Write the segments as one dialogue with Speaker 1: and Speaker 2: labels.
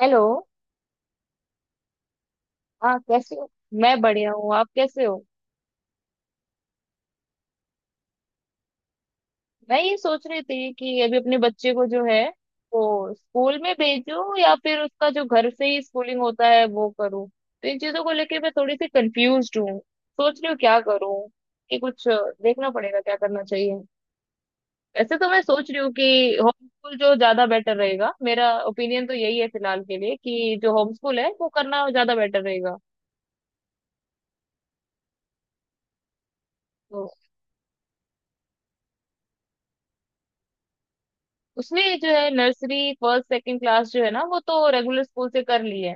Speaker 1: Hello. हाँ कैसे हो। मैं बढ़िया हूँ, आप कैसे हो? मैं ये सोच रही थी कि अभी अपने बच्चे को जो है वो स्कूल में भेजूं या फिर उसका जो घर से ही स्कूलिंग होता है वो करूँ। तो इन चीजों को लेके मैं थोड़ी सी कंफ्यूज्ड हूँ, सोच रही हूँ क्या करूँ कि कुछ देखना पड़ेगा क्या करना चाहिए। वैसे तो मैं सोच रही हूँ कि होम स्कूल जो ज्यादा बेटर रहेगा, मेरा ओपिनियन तो यही है फिलहाल के लिए कि जो होम स्कूल है वो करना ज्यादा बेटर रहेगा। तो उसने जो है नर्सरी फर्स्ट सेकंड क्लास जो है ना वो तो रेगुलर स्कूल से कर ली है।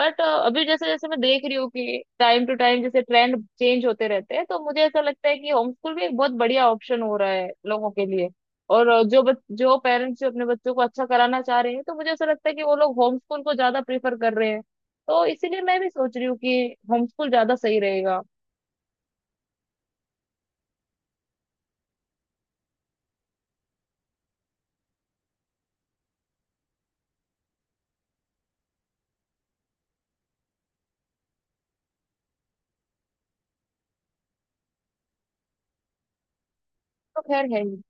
Speaker 1: बट अभी जैसे जैसे मैं देख रही हूँ कि टाइम टू टाइम जैसे ट्रेंड चेंज होते रहते हैं, तो मुझे ऐसा लगता है कि होम स्कूल भी एक बहुत बढ़िया ऑप्शन हो रहा है लोगों के लिए। और जो पेरेंट्स जो अपने बच्चों को अच्छा कराना चाह रहे हैं तो मुझे ऐसा लगता है कि वो लोग होम स्कूल को ज्यादा प्रेफर कर रहे हैं। तो इसीलिए मैं भी सोच रही हूँ कि होम स्कूल ज्यादा सही रहेगा। तो खैर है ही।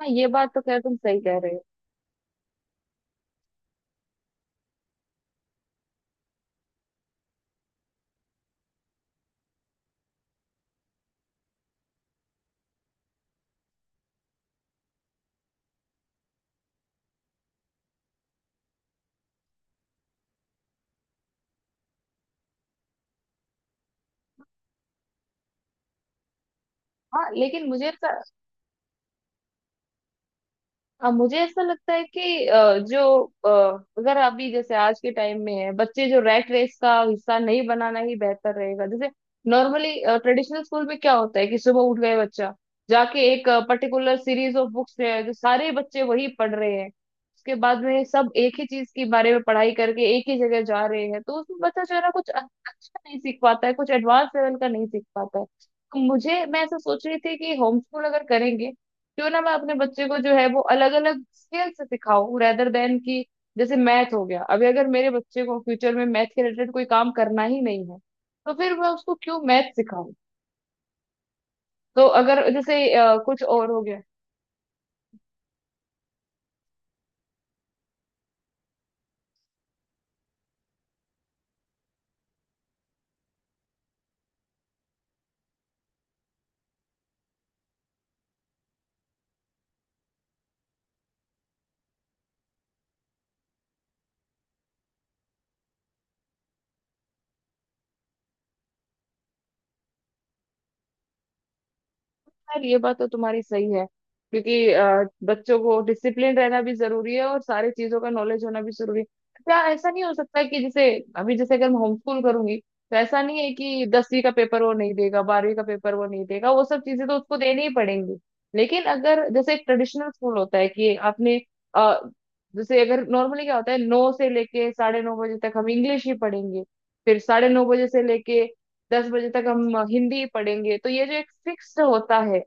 Speaker 1: हाँ ये बात तो खैर तुम सही कह रहे हो। हाँ लेकिन मुझे ऐसा अब मुझे ऐसा लगता है कि जो अगर अभी जैसे आज के टाइम में है बच्चे जो रैट रेस का हिस्सा नहीं बनाना ही बेहतर रहेगा। जैसे नॉर्मली ट्रेडिशनल स्कूल में क्या होता है कि सुबह उठ गए बच्चा जाके एक पर्टिकुलर सीरीज ऑफ बुक्स है जो सारे बच्चे वही पढ़ रहे हैं। उसके बाद में सब एक ही चीज के बारे में पढ़ाई करके एक ही जगह जा रहे हैं, तो उसमें बच्चा जो है ना कुछ अच्छा नहीं सीख पाता है, कुछ एडवांस लेवल का नहीं सीख पाता है। तो मुझे मैं ऐसा सोच रही थी कि होम स्कूल अगर करेंगे क्यों ना मैं अपने बच्चे को जो है वो अलग अलग स्केल से सिखाऊं रेदर देन कि जैसे मैथ हो गया। अभी अगर मेरे बच्चे को फ्यूचर में मैथ के रिलेटेड कोई काम करना ही नहीं है, तो फिर मैं उसको क्यों मैथ सिखाऊं? तो अगर जैसे कुछ और हो गया। खैर ये बात तो तुम्हारी सही है क्योंकि बच्चों को डिसिप्लिन रहना भी जरूरी है और सारी चीजों का नॉलेज होना भी जरूरी है। क्या ऐसा नहीं हो सकता कि जैसे अभी जैसे अगर मैं होम स्कूल करूंगी तो ऐसा नहीं है कि दसवीं का पेपर वो नहीं देगा, बारहवीं का पेपर वो नहीं देगा, वो सब चीजें तो उसको देनी ही पड़ेंगी। लेकिन अगर जैसे एक ट्रेडिशनल स्कूल होता है कि आपने अ, जैसे अगर नॉर्मली क्या होता है 9 से लेके 9:30 बजे तक हम इंग्लिश ही पढ़ेंगे, फिर 9:30 बजे से लेके 10 बजे तक हम हिंदी ही पढ़ेंगे, तो ये जो एक फिक्स्ड होता है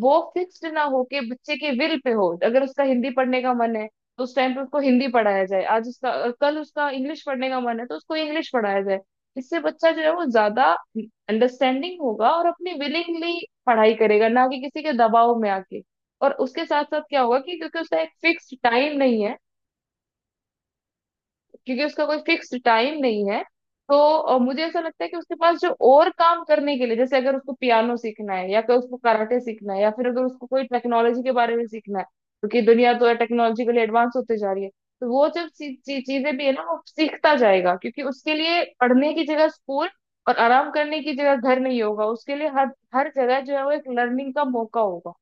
Speaker 1: वो फिक्स्ड ना होके बच्चे के विल पे हो। अगर उसका हिंदी पढ़ने का मन है तो उस टाइम पे उसको हिंदी पढ़ाया जाए, आज उसका कल उसका इंग्लिश पढ़ने का मन है तो उसको इंग्लिश पढ़ाया जाए। इससे बच्चा जो है वो ज्यादा अंडरस्टैंडिंग होगा और अपनी विलिंगली पढ़ाई करेगा ना कि किसी के दबाव में आके। और उसके साथ साथ क्या होगा कि क्योंकि उसका एक फिक्स्ड टाइम नहीं है, क्योंकि उसका कोई फिक्स टाइम नहीं है तो मुझे ऐसा लगता है कि उसके पास जो और काम करने के लिए जैसे अगर उसको पियानो सीखना है या फिर उसको कराटे सीखना है या फिर अगर उसको कोई टेक्नोलॉजी के बारे में सीखना है क्योंकि दुनिया तो टेक्नोलॉजिकली एडवांस होते जा रही है, तो वो जब चीजें भी है ना वो सीखता जाएगा क्योंकि उसके लिए पढ़ने की जगह स्कूल और आराम करने की जगह घर नहीं होगा, उसके लिए हर हर जगह जो है वो एक लर्निंग का मौका होगा।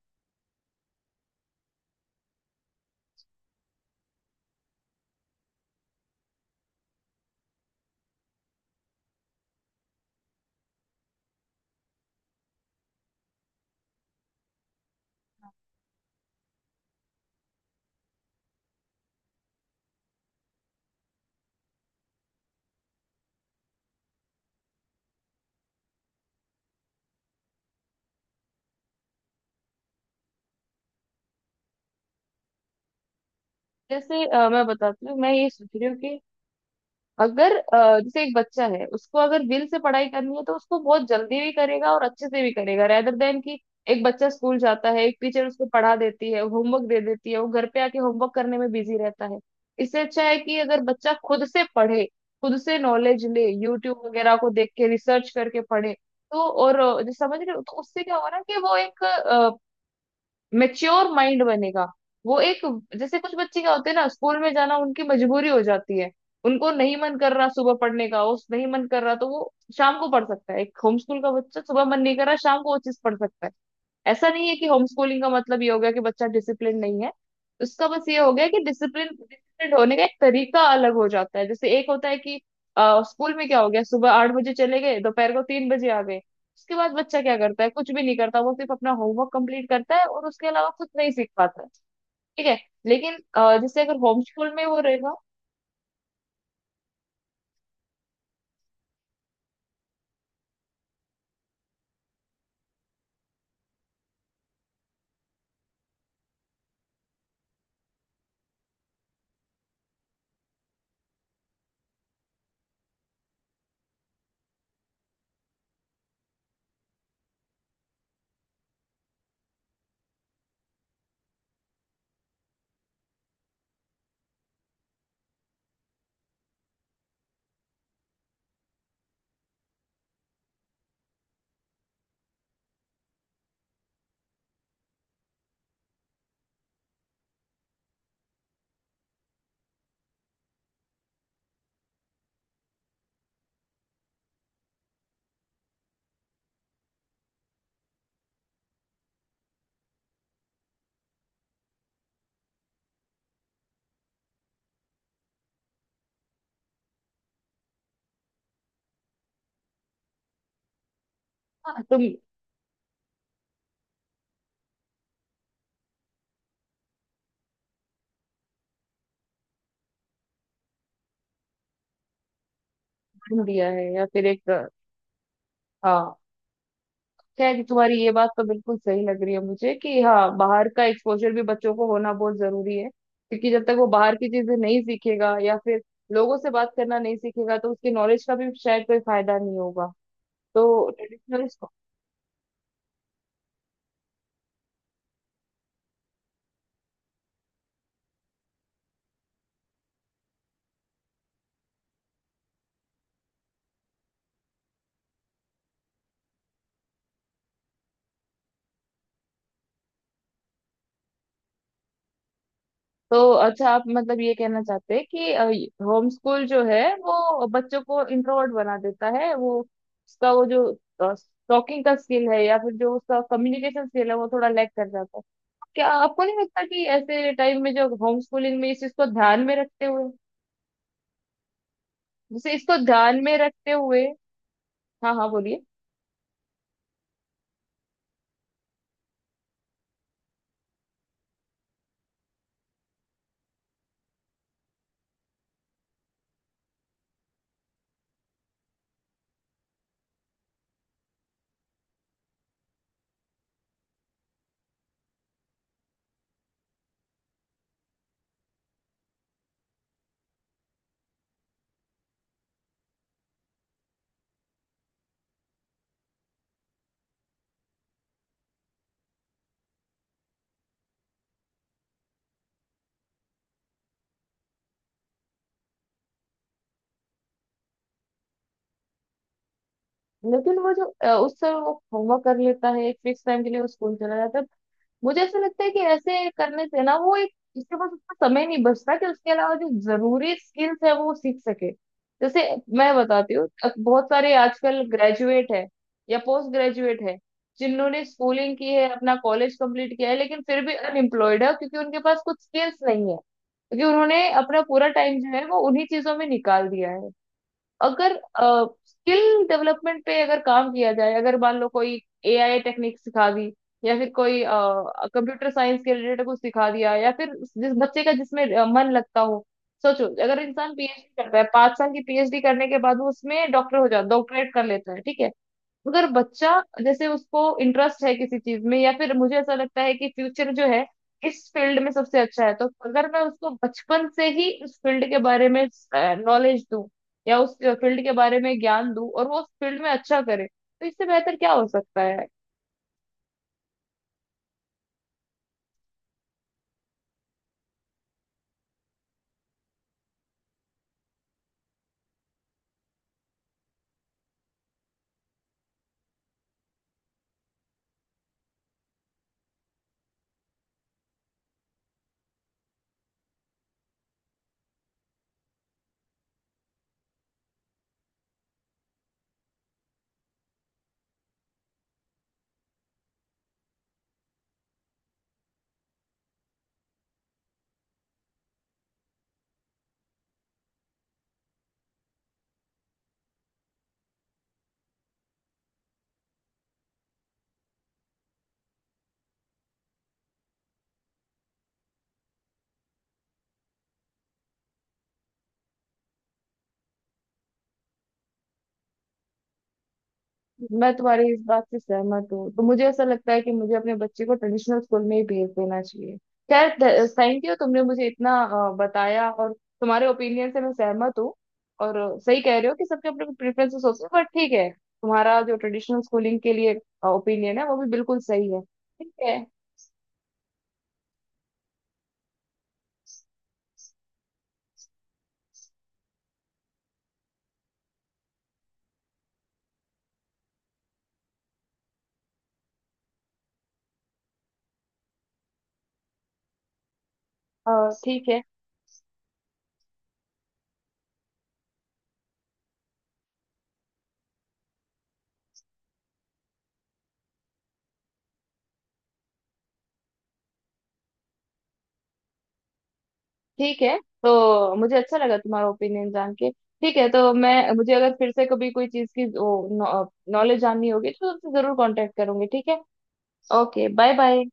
Speaker 1: जैसे मैं बताती हूँ, मैं ये सोच रही हूँ कि अगर जैसे एक बच्चा है उसको अगर विल से पढ़ाई करनी है तो उसको बहुत जल्दी भी करेगा और अच्छे से भी करेगा रेदर देन कि एक बच्चा स्कूल जाता है एक टीचर उसको पढ़ा देती है, होमवर्क दे देती है, वो घर पे आके होमवर्क करने में बिजी रहता है। इससे अच्छा है कि अगर बच्चा खुद से पढ़े, खुद से नॉलेज ले, यूट्यूब वगैरह को देख के रिसर्च करके पढ़े। तो और जो समझ रहे हो तो उससे क्या होगा ना कि वो एक मेच्योर माइंड बनेगा। वो एक जैसे कुछ बच्चे क्या होते हैं ना स्कूल में जाना उनकी मजबूरी हो जाती है, उनको नहीं मन कर रहा सुबह पढ़ने का, उस नहीं मन कर रहा तो वो शाम को पढ़ सकता है। एक होम स्कूल का बच्चा सुबह मन नहीं कर रहा शाम को वो चीज पढ़ सकता है। ऐसा नहीं है कि होम स्कूलिंग का मतलब ये हो गया कि बच्चा डिसिप्लिन नहीं है, उसका बस ये हो गया कि डिसिप्लिन डिसिप्लिन होने का एक तरीका अलग हो जाता है। जैसे एक होता है कि स्कूल में क्या हो गया सुबह 8 बजे चले गए, दोपहर को 3 बजे आ गए, उसके बाद बच्चा क्या करता है, कुछ भी नहीं करता, वो सिर्फ अपना होमवर्क कंप्लीट करता है और उसके अलावा कुछ नहीं सीख पाता है। ठीक है, लेकिन जैसे अगर होम स्कूल में वो रहेगा। हाँ, तुम दिया है या फिर एक हाँ। खैर तुम्हारी ये बात तो बिल्कुल सही लग रही है मुझे कि हाँ बाहर का एक्सपोजर भी बच्चों को होना बहुत जरूरी है, क्योंकि जब तक वो बाहर की चीजें नहीं सीखेगा या फिर लोगों से बात करना नहीं सीखेगा तो उसकी नॉलेज का भी शायद कोई फायदा नहीं होगा। तो ट्रेडिशनल तो अच्छा आप मतलब ये कहना चाहते हैं कि होम स्कूल जो है वो बच्चों को इंट्रोवर्ट बना देता है, वो उसका वो जो टॉकिंग का स्किल है या फिर जो उसका कम्युनिकेशन स्किल है वो थोड़ा लैक कर जाता है। क्या आपको नहीं लगता कि ऐसे टाइम में जो होम स्कूलिंग में इस चीज को ध्यान में रखते हुए जैसे इसको ध्यान में रखते हुए हाँ हाँ बोलिए। लेकिन वो जो उस समय वो होमवर्क कर लेता है एक फिक्स टाइम के लिए वो स्कूल चला जाता है। मुझे ऐसा लगता है कि ऐसे करने से ना वो एक इसके पास उतना समय नहीं बचता कि उसके अलावा जो जरूरी स्किल्स है वो सीख सके। जैसे मैं बताती हूँ, बहुत सारे आजकल ग्रेजुएट है या पोस्ट ग्रेजुएट है जिन्होंने स्कूलिंग की है, अपना कॉलेज कंप्लीट किया है, लेकिन फिर भी अनएम्प्लॉयड है क्योंकि उनके पास कुछ स्किल्स नहीं है, क्योंकि उन्होंने अपना पूरा टाइम जो है वो उन्हीं चीजों में निकाल दिया है। अगर स्किल डेवलपमेंट पे अगर काम किया जाए, अगर मान लो कोई एआई टेक्निक सिखा दी या फिर कोई कंप्यूटर साइंस के रिलेटेड कुछ सिखा दिया या फिर जिस बच्चे का जिसमें मन लगता हो। सोचो अगर इंसान पीएचडी करता है, 5 साल की पीएचडी करने के बाद वो उसमें डॉक्टर हो जाता, डॉक्टरेट कर लेता है, ठीक है। अगर बच्चा जैसे उसको इंटरेस्ट है किसी चीज में या फिर मुझे ऐसा लगता है कि फ्यूचर जो है इस फील्ड में सबसे अच्छा है, तो अगर मैं उसको बचपन से ही उस फील्ड के बारे में नॉलेज दूं या उस फील्ड के बारे में ज्ञान दूं और वो उस फील्ड में अच्छा करे, तो इससे बेहतर क्या हो सकता है? मैं तुम्हारी इस बात से सहमत हूँ, तो मुझे ऐसा लगता है कि मुझे अपने बच्चे को ट्रेडिशनल स्कूल में ही भेज देना चाहिए। खैर थैंक यू तुमने मुझे इतना बताया और तुम्हारे ओपिनियन से मैं सहमत हूँ। और सही कह रहे हो कि सबके अपने प्रेफरेंसेस होते हैं, बट ठीक है तुम्हारा जो ट्रेडिशनल स्कूलिंग के लिए ओपिनियन है वो भी बिल्कुल सही है, ठीक है। अ, ठीक है। ठीक है तो मुझे अच्छा लगा तुम्हारा ओपिनियन जान के। ठीक है तो मैं मुझे अगर फिर से कभी कोई चीज़ की नॉलेज जाननी होगी तो तुमसे जरूर कांटेक्ट करूंगी, ठीक है। Okay bye bye.